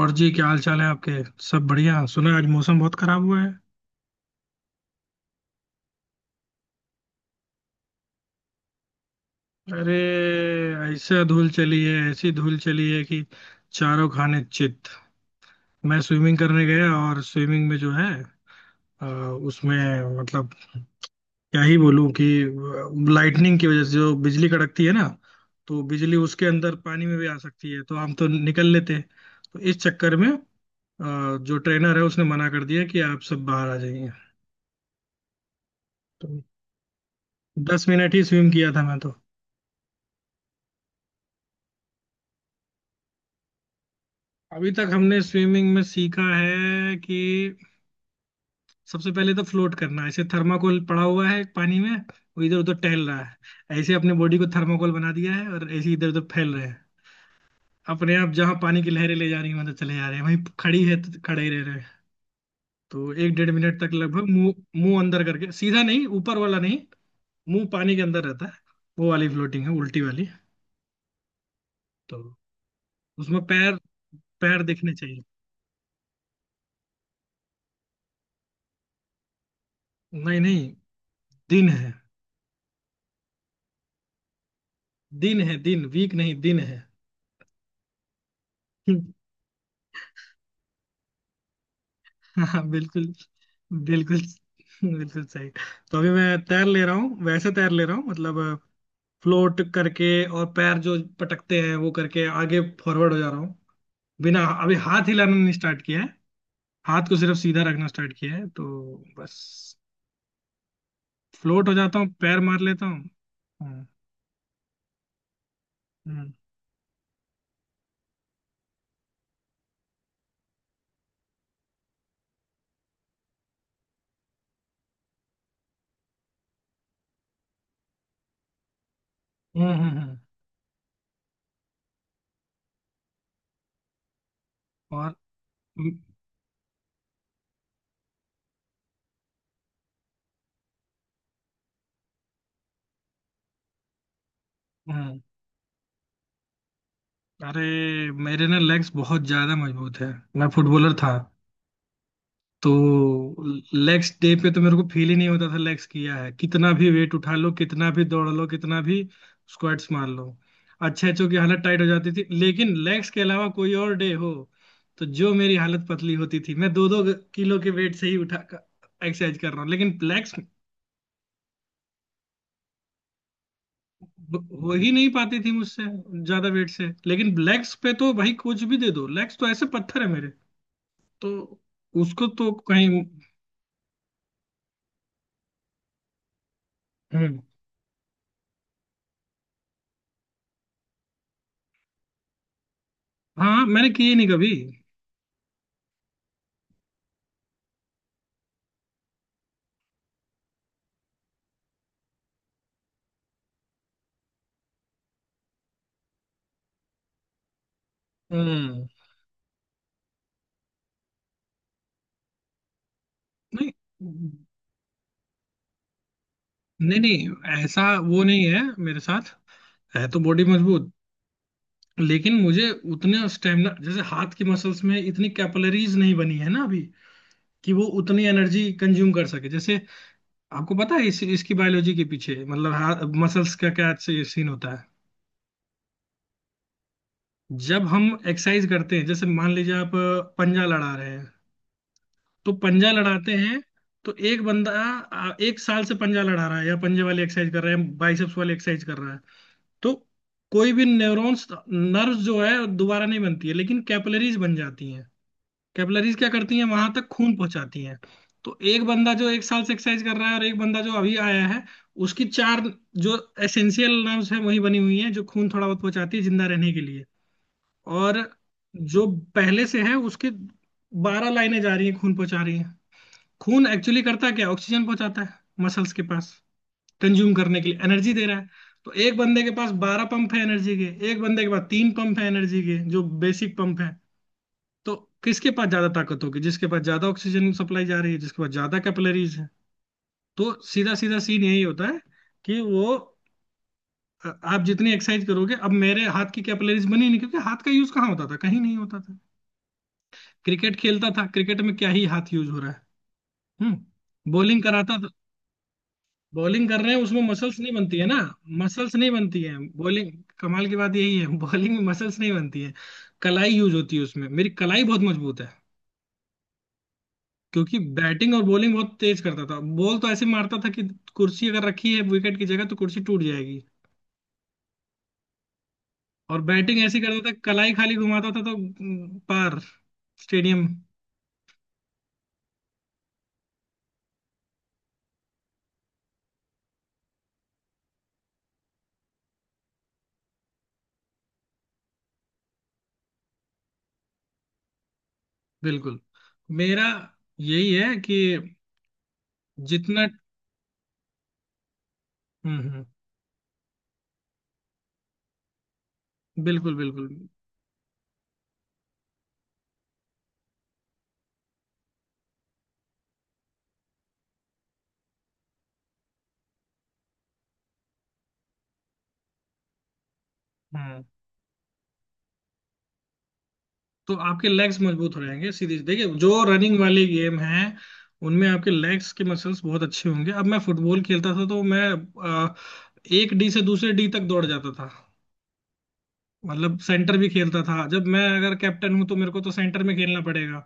और जी क्या हाल चाल है आपके। सब बढ़िया सुना आज मौसम बहुत खराब हुआ है। अरे ऐसा धूल चली है, ऐसी धूल चली है कि चारों खाने चित। मैं स्विमिंग करने गया और स्विमिंग में जो है अ, उसमें मतलब क्या ही बोलूं कि लाइटनिंग की वजह से जो बिजली कड़कती है ना, तो बिजली उसके अंदर पानी में भी आ सकती है, तो हम तो निकल लेते हैं। तो इस चक्कर में जो ट्रेनर है उसने मना कर दिया कि आप सब बाहर आ जाइए। तो 10 मिनट ही स्विम किया था मैं तो। अभी तक हमने स्विमिंग में सीखा है कि सबसे पहले तो फ्लोट करना है। ऐसे थर्माकोल पड़ा हुआ है पानी में, वो इधर उधर टहल रहा है, ऐसे अपने बॉडी को थर्माकोल बना दिया है और ऐसे इधर उधर फैल रहे हैं। अपने आप जहाँ पानी की लहरें ले जा रही हैं वहां चले जा रहे हैं, वहीं खड़ी है तो खड़े ही रह रहे हैं। तो एक डेढ़ मिनट तक लगभग मुंह, मुंह अंदर करके, सीधा नहीं ऊपर वाला नहीं, मुंह पानी के अंदर रहता है। वो वाली फ्लोटिंग है, उल्टी वाली। तो उसमें पैर, पैर दिखने चाहिए। नहीं नहीं, दिन है। दिन है, दिन, वीक नहीं दिन है। हाँ हाँ, बिल्कुल। बिल्कुल, बिल्कुल सही। तो अभी मैं तैर ले रहा हूँ, वैसे तैर ले रहा हूँ मतलब फ्लोट करके। और पैर जो पटकते हैं वो करके आगे फॉरवर्ड हो जा रहा हूँ। बिना, अभी हाथ हिलाना नहीं स्टार्ट किया है। हाथ को सिर्फ सीधा रखना स्टार्ट किया है तो बस, फ्लोट हो जाता हूँ पैर मार लेता हूँ। हम्म। हम्म। हम्म। हम्म। हम्म। और हम्म। अरे मेरे ना लेग्स बहुत ज्यादा मजबूत है। मैं फुटबॉलर था, तो लेग्स डे पे तो मेरे को फील ही नहीं होता था। लेग्स किया है कितना भी, वेट उठा लो कितना भी, दौड़ लो कितना भी, स्क्वाट्स मार लो, अच्छे अच्छों की हालत टाइट हो जाती थी। लेकिन लेग्स के अलावा कोई और डे हो तो जो मेरी हालत पतली होती थी, मैं दो दो किलो के वेट से ही उठा, एक्सरसाइज कर रहा हूँ लेकिन लेग्स हो ही नहीं पाती थी मुझसे, ज्यादा वेट से। लेकिन लेग्स पे तो भाई कुछ भी दे दो, लेग्स तो ऐसे पत्थर है मेरे। तो उसको तो कहीं, हम्म। हाँ मैंने किए नहीं कभी। हम्म। नहीं नहीं नहीं ऐसा, वो नहीं है मेरे साथ। है तो बॉडी मजबूत, लेकिन मुझे उतने स्टेमिना, जैसे हाथ की मसल्स में इतनी कैपिलरीज नहीं बनी है ना अभी, कि वो उतनी एनर्जी कंज्यूम कर सके। जैसे, आपको पता है इसकी बायोलॉजी के पीछे मतलब हाथ मसल्स का क्या सीन होता है? जब हम एक्सरसाइज करते हैं, जैसे मान लीजिए आप पंजा लड़ा रहे हैं, तो पंजा लड़ाते हैं तो एक बंदा एक साल से पंजा लड़ा रहा है या पंजे वाली एक्सरसाइज कर रहा है, बाइसेप्स वाली एक्सरसाइज कर रहा है, तो कोई भी न्यूरॉन्स, नर्व जो है दोबारा नहीं बनती है, लेकिन कैपिलरीज बन जाती हैं। कैपिलरीज क्या करती हैं, वहां तक खून पहुंचाती हैं। तो एक बंदा जो एक साल से एक्सरसाइज कर रहा है, और एक बंदा जो अभी आया है, उसकी चार जो एसेंशियल नर्व्स है वही बनी हुई हैं, जो खून थोड़ा बहुत पहुंचाती है जिंदा रहने के लिए। और जो पहले से है उसके बारह लाइनें जा रही हैं, खून पहुंचा रही हैं। खून एक्चुअली करता क्या, ऑक्सीजन पहुंचाता है मसल्स के पास, कंज्यूम करने के लिए एनर्जी दे रहा है। तो एक बंदे के पास बारह पंप है एनर्जी के, एक बंदे के पास तीन पंप है एनर्जी के, जो बेसिक पंप है। तो किसके पास ज्यादा ताकत होगी, जिसके पास ज्यादा ऑक्सीजन सप्लाई जा रही है, जिसके पास ज्यादा कैपिलरीज है। तो सीधा सीधा सीन यही होता है कि वो आप जितनी एक्सरसाइज करोगे। अब मेरे हाथ की कैपिलरीज बनी नहीं, क्योंकि हाथ का यूज कहाँ होता था, कहीं नहीं होता था। क्रिकेट खेलता था, क्रिकेट में क्या ही हाथ यूज हो रहा है। हम्म, बॉलिंग कराता, बॉलिंग कर रहे हैं उसमें मसल्स नहीं बनती है ना। मसल्स नहीं बनती है बॉलिंग, कमाल की बात यही है। बॉलिंग में मसल्स नहीं बनती है, कलाई यूज होती है उसमें। मेरी कलाई बहुत मजबूत है, क्योंकि बैटिंग और बॉलिंग बहुत तेज करता था। बॉल तो ऐसे मारता था कि कुर्सी अगर रखी है विकेट की जगह तो कुर्सी टूट जाएगी। और बैटिंग ऐसी करता था, कलाई खाली घुमाता था तो पार स्टेडियम। बिल्कुल, मेरा यही है कि जितना, हम्म, बिल्कुल बिल्कुल। हम्म। तो आपके लेग्स मजबूत हो जाएंगे, सीधी देखिए जो रनिंग वाली गेम है उनमें आपके लेग्स के मसल्स बहुत अच्छे होंगे। अब मैं फुटबॉल खेलता था, तो मैं अ, एक डी से दूसरे डी तक दौड़ जाता था। मतलब सेंटर भी खेलता था, जब मैं अगर कैप्टन हूं तो मेरे को तो सेंटर में खेलना पड़ेगा।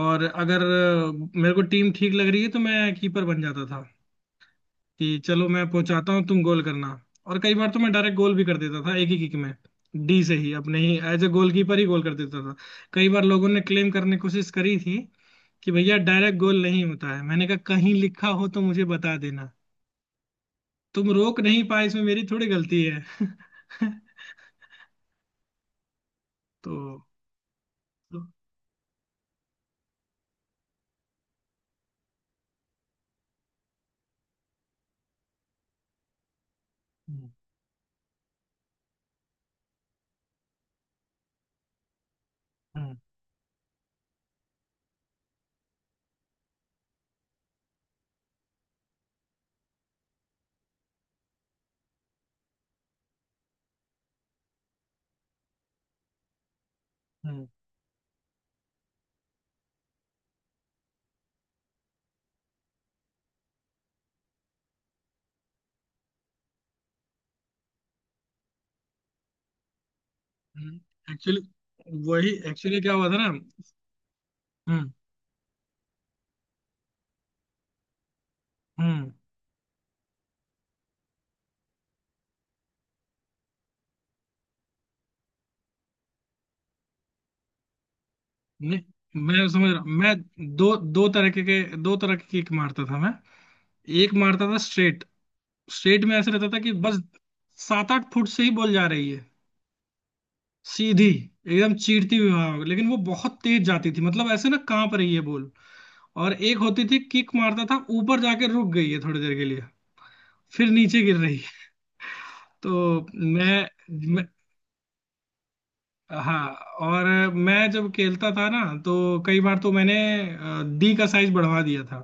और अगर मेरे को टीम ठीक लग रही है तो मैं कीपर बन जाता था कि चलो मैं पहुंचाता हूँ, तुम गोल करना। और कई बार तो मैं डायरेक्ट गोल भी कर देता था एक ही किक में। डी से ही, अपने ही, एज ए गोलकीपर ही गोल कर देता था। कई बार लोगों ने क्लेम करने की कोशिश करी थी कि भैया डायरेक्ट गोल नहीं होता है, मैंने कहा कहीं लिखा हो तो मुझे बता देना। तुम रोक नहीं पाए इसमें मेरी थोड़ी गलती है। तो एक्चुअली, वही एक्चुअली क्या हुआ था ना। हम्म हम्म। नहीं, मैं समझ रहा हूँ। मैं दो दो तरह के दो तरह के किक मारता था मैं। एक मारता था स्ट्रेट, स्ट्रेट में ऐसा रहता था कि बस सात आठ फुट से ही बॉल जा रही है, सीधी, एकदम चीरती हुई हवा। लेकिन वो बहुत तेज जाती थी, मतलब ऐसे ना कांप रही है बॉल। और एक होती थी किक, मारता था ऊपर जाके रुक गई है थोड़ी देर के लिए, फिर नीचे गिर रही है। तो मैं, मैं हाँ। और मैं जब खेलता था ना तो कई बार तो मैंने डी का साइज बढ़वा दिया था।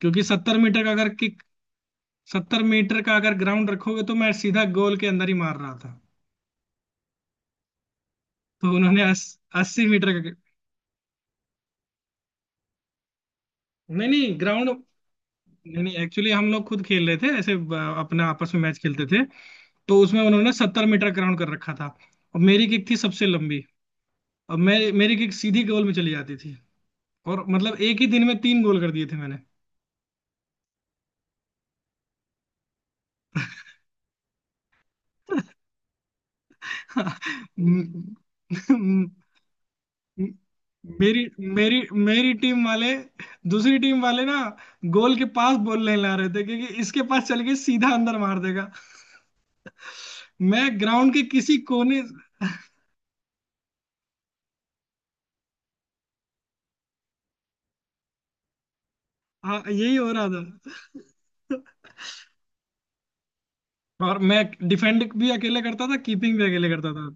क्योंकि 70 मीटर का अगर किक, 70 मीटर का अगर ग्राउंड रखोगे तो मैं सीधा गोल के अंदर ही मार रहा था। तो उन्होंने 80 मीटर का, नहीं नहीं ग्राउंड, नहीं नहीं, एक्चुअली हम लोग खुद खेल रहे थे ऐसे, अपना आपस में मैच खेलते थे। तो उसमें उन्होंने 70 मीटर ग्राउंड कर रखा था, और मेरी किक थी सबसे लंबी। अब मैं, मेरी किक सीधी गोल में चली जाती थी, और मतलब एक ही दिन में तीन गोल कर दिए थे मैंने। म- म- मेरी मेरी मेरी टीम वाले, दूसरी टीम वाले ना गोल के पास बॉल नहीं ला रहे थे, क्योंकि इसके पास, चल के सीधा अंदर मार देगा। मैं ग्राउंड के किसी कोने, हाँ यही हो रहा था। और मैं डिफेंड भी अकेले करता था, कीपिंग भी अकेले करता था,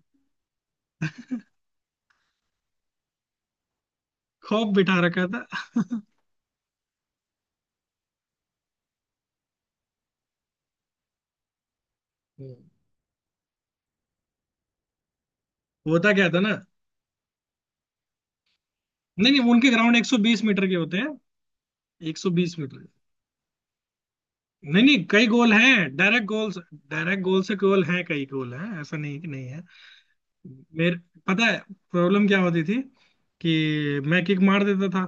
खौफ बिठा रखा था। हम्म। होता क्या था ना, नहीं नहीं उनके ग्राउंड 120 मीटर के होते हैं। 120 मीटर, नहीं नहीं कई गोल हैं डायरेक्ट गोल। डायरेक्ट गोल से गोल हैं, कई गोल हैं, ऐसा नहीं कि नहीं है। मेरे, पता है प्रॉब्लम क्या होती थी कि मैं किक मार देता था,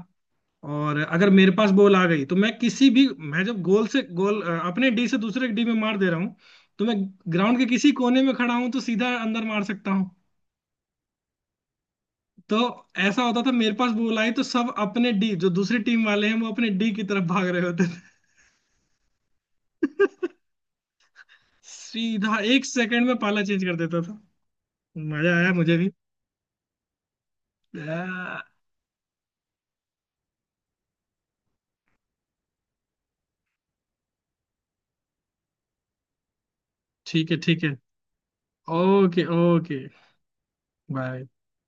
और अगर मेरे पास बॉल आ गई तो मैं किसी भी, मैं जब गोल से गोल अपने डी से दूसरे डी में मार दे रहा हूँ, तो मैं ग्राउंड के किसी कोने में खड़ा हूँ तो सीधा अंदर मार सकता हूँ। तो ऐसा होता था, मेरे पास बॉल आई तो सब अपने डी, जो दूसरी टीम वाले हैं वो अपने डी की तरफ भाग रहे होते थे। सीधा एक सेकंड में पाला चेंज कर देता, मजा आया मुझे भी। आ, ठीक है ठीक है, ओके ओके, बाय।